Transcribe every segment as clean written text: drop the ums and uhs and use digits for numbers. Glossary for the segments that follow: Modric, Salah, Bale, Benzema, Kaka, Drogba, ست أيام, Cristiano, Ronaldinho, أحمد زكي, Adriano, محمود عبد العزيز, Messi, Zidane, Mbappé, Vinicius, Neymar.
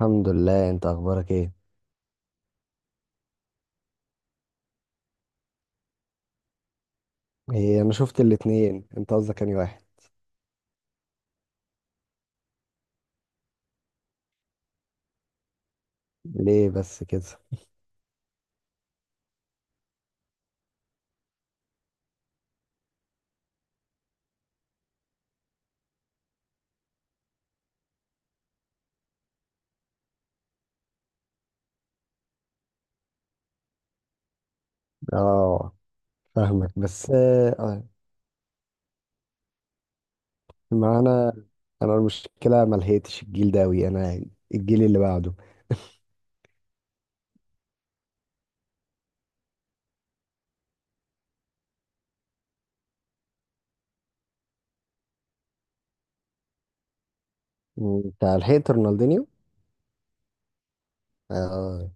الحمد لله، انت اخبارك ايه؟ ايه، انا شفت الاتنين، انت قصدك انهي واحد؟ ليه بس كده؟ اه، فاهمك بس. اه، ما انا المشكله ما لحقتش الجيل ده اوي، انا الجيل اللي بعده. انت لحقت رونالدينيو؟ اه.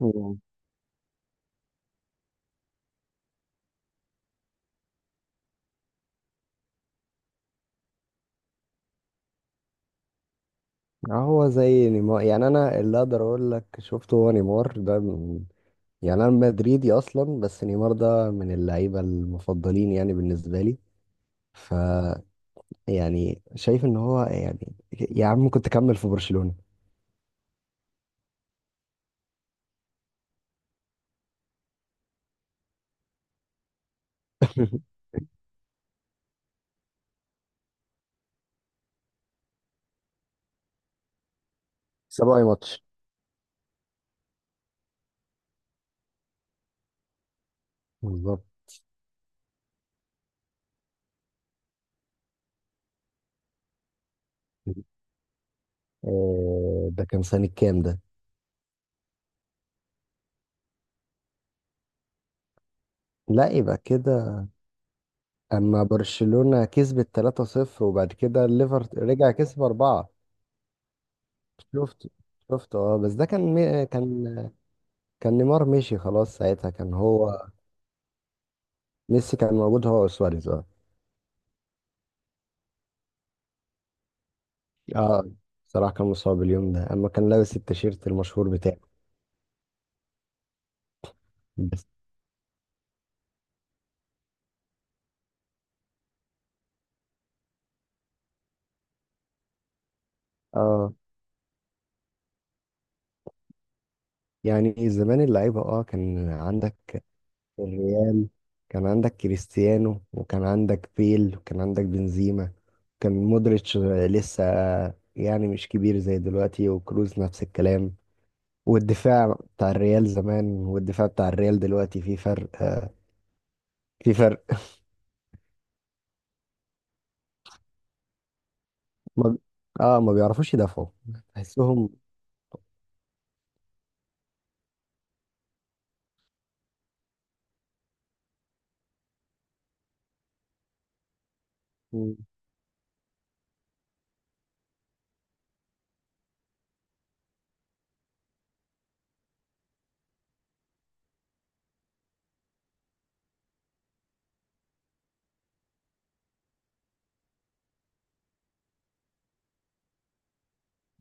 مم. هو زي نيمار، يعني انا اللي اقدر اقول لك شفته هو نيمار ده يعني انا مدريدي اصلا، بس نيمار ده من اللعيبه المفضلين يعني بالنسبه لي. ف يعني شايف ان هو، يعني يا عم كنت كمل في برشلونة. سبعة اي ماتش؟ بالظبط. آه، ده كان سنة كام ده؟ لا، يبقى كده. اما برشلونة كسبت 3-0، وبعد كده الليفر رجع كسب 4. شفت؟ اه، بس ده كان كان، كان نيمار مشي خلاص ساعتها كان هو. ميسي كان موجود هو وسواريز، اه. اه، صراحة كان مصاب اليوم ده اما كان لابس التيشيرت المشهور بتاعه. بس. اه يعني زمان اللعيبة كان عندك الريال، كان عندك كريستيانو وكان عندك بيل وكان عندك بنزيما. كان مودريتش لسه يعني مش كبير زي دلوقتي، وكروز نفس الكلام. والدفاع بتاع الريال زمان والدفاع بتاع الريال دلوقتي في فرق، في فرق. ما اه ما بيعرفوش يدافعوا. تحسهم.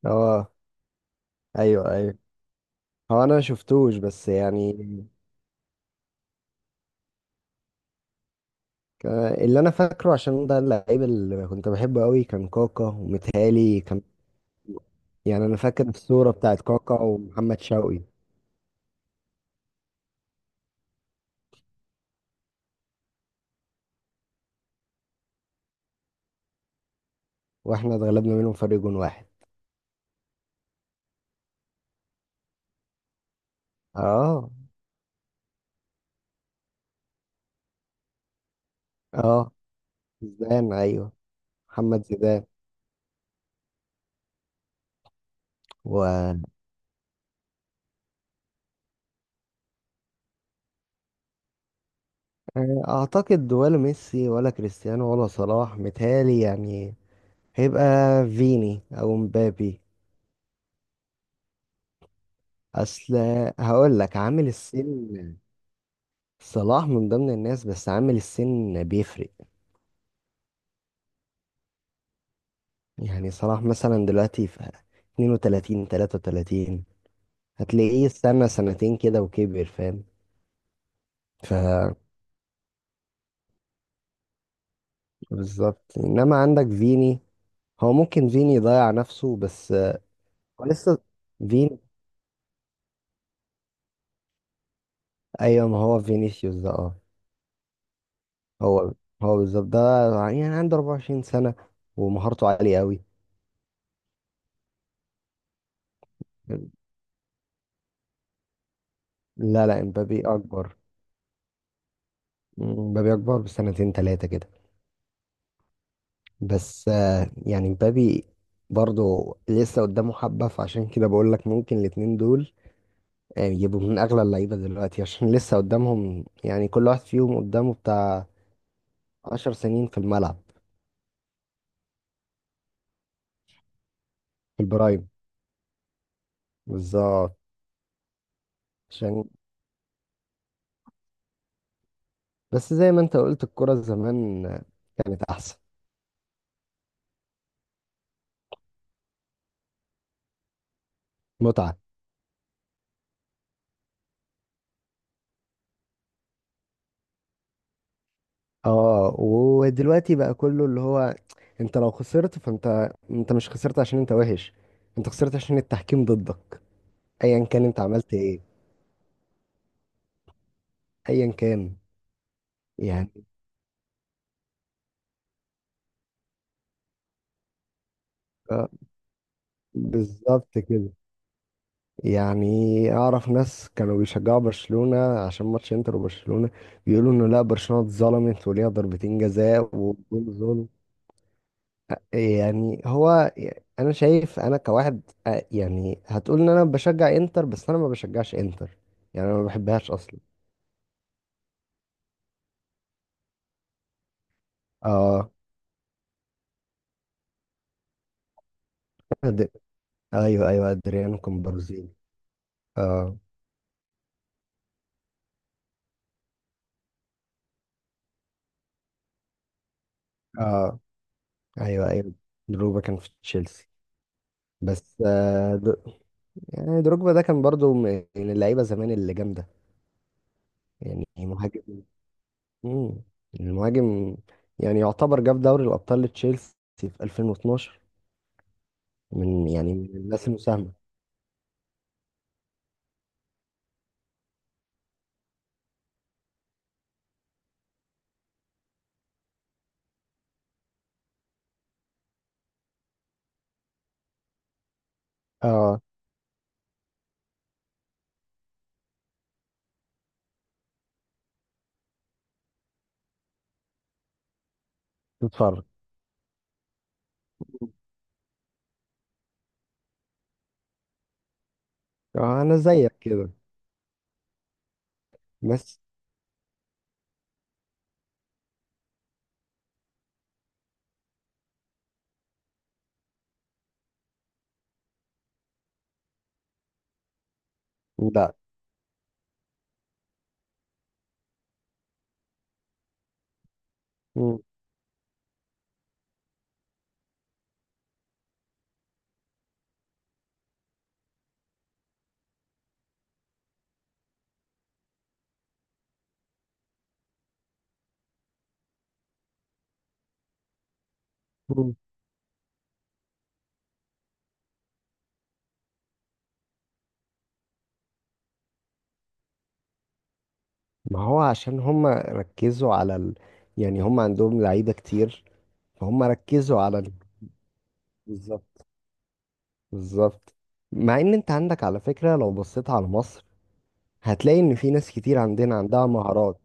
اه. ايوه، ايوه، هو انا ما شفتوش بس يعني. ك- اللي انا فاكره عشان ده اللعيب اللي كنت بحبه قوي كان كاكا ومتهالي. يعني انا فاكر الصورة بتاعت كاكا ومحمد شوقي. واحنا اتغلبنا منهم فرق جون واحد. اه. اه، زيدان، ايوه. محمد زيدان. و اعتقد ولا ميسي ولا كريستيانو ولا صلاح متهيألي. يعني هيبقى فيني او مبابي. اصل هقول لك، عامل السن. صلاح من ضمن الناس بس عامل السن بيفرق. يعني صلاح مثلا دلوقتي في 32، 33. هتلاقيه استنى سنتين كده وكبر، فاهم؟ ف بالظبط، انما عندك فيني. هو ممكن فيني يضيع نفسه بس. هو لسه فين. ايوه، ما هو فينيسيوس ده، اه. هو هو بالظبط ده. يعني عنده 24 سنة ومهارته عالية قوي. لا، لا، امبابي اكبر. امبابي اكبر بسنتين ثلاثة كده. بس. يعني امبابي برضه لسه قدامه حبة، فعشان كده بقول لك ممكن الاتنين دول يبقوا من اغلى اللعيبة دلوقتي عشان لسه قدامهم. يعني كل واحد فيهم قدامه بتاع 10 سنين في الملعب. في البرايم. بالظبط. عشان بس زي ما انت قلت الكرة زمان كانت احسن. متعة. اه، ودلوقتي بقى كله اللي هو، انت لو خسرت، فانت مش خسرت عشان انت وحش، انت خسرت عشان التحكيم ضدك. ايا كان انت عملت ايه، ايا كان. يعني آه، بالظبط كده. يعني اعرف ناس كانوا بيشجعوا برشلونة عشان ماتش انتر وبرشلونة، بيقولوا انه لا، برشلونة اتظلمت وليها ضربتين جزاء وجول. يعني هو انا شايف انا كواحد. آه، يعني هتقول ان انا بشجع انتر بس انا ما بشجعش انتر. يعني انا ما بحبهاش اصلا. اه. أد- ايوه، ايوه، ادريانو كان برازيلي، اه. اه، ايوه، ايوه، دروجبا كان في تشيلسي. بس. يعني دروجبا ده كان برضو من اللعيبه زمان اللي جامده. يعني مهاجم. مم. المهاجم. يعني يعتبر جاب دوري الابطال لتشيلسي في 2012. يعني من الناس المساهمه. اه. تتفرج. آه، انا زيك كده. بس. لا. مم. مم. ما هو عشان هم ركزوا يعني هم عندهم لعيبة كتير، فهم ركزوا بالظبط، بالظبط. مع ان انت عندك على فكرة، لو بصيت على مصر هتلاقي ان في ناس كتير عندنا عندها مهارات.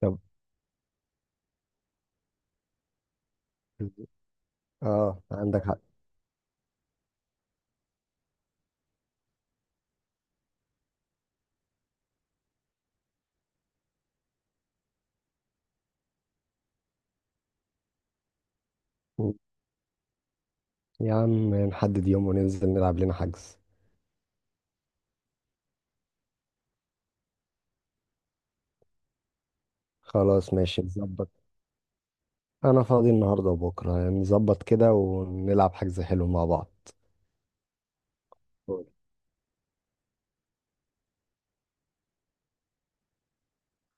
طب. اه، عندك حق. مم. يا عم نحدد يوم وننزل نلعب لنا حجز. خلاص، ماشي، نظبط. انا فاضي النهارده وبكره، نظبط كده ونلعب حجز حلو مع بعض.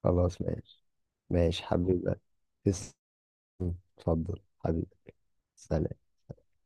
خلاص ماشي. ماشي حبيبي، تسلم. اتفضل حبيبي، سلام.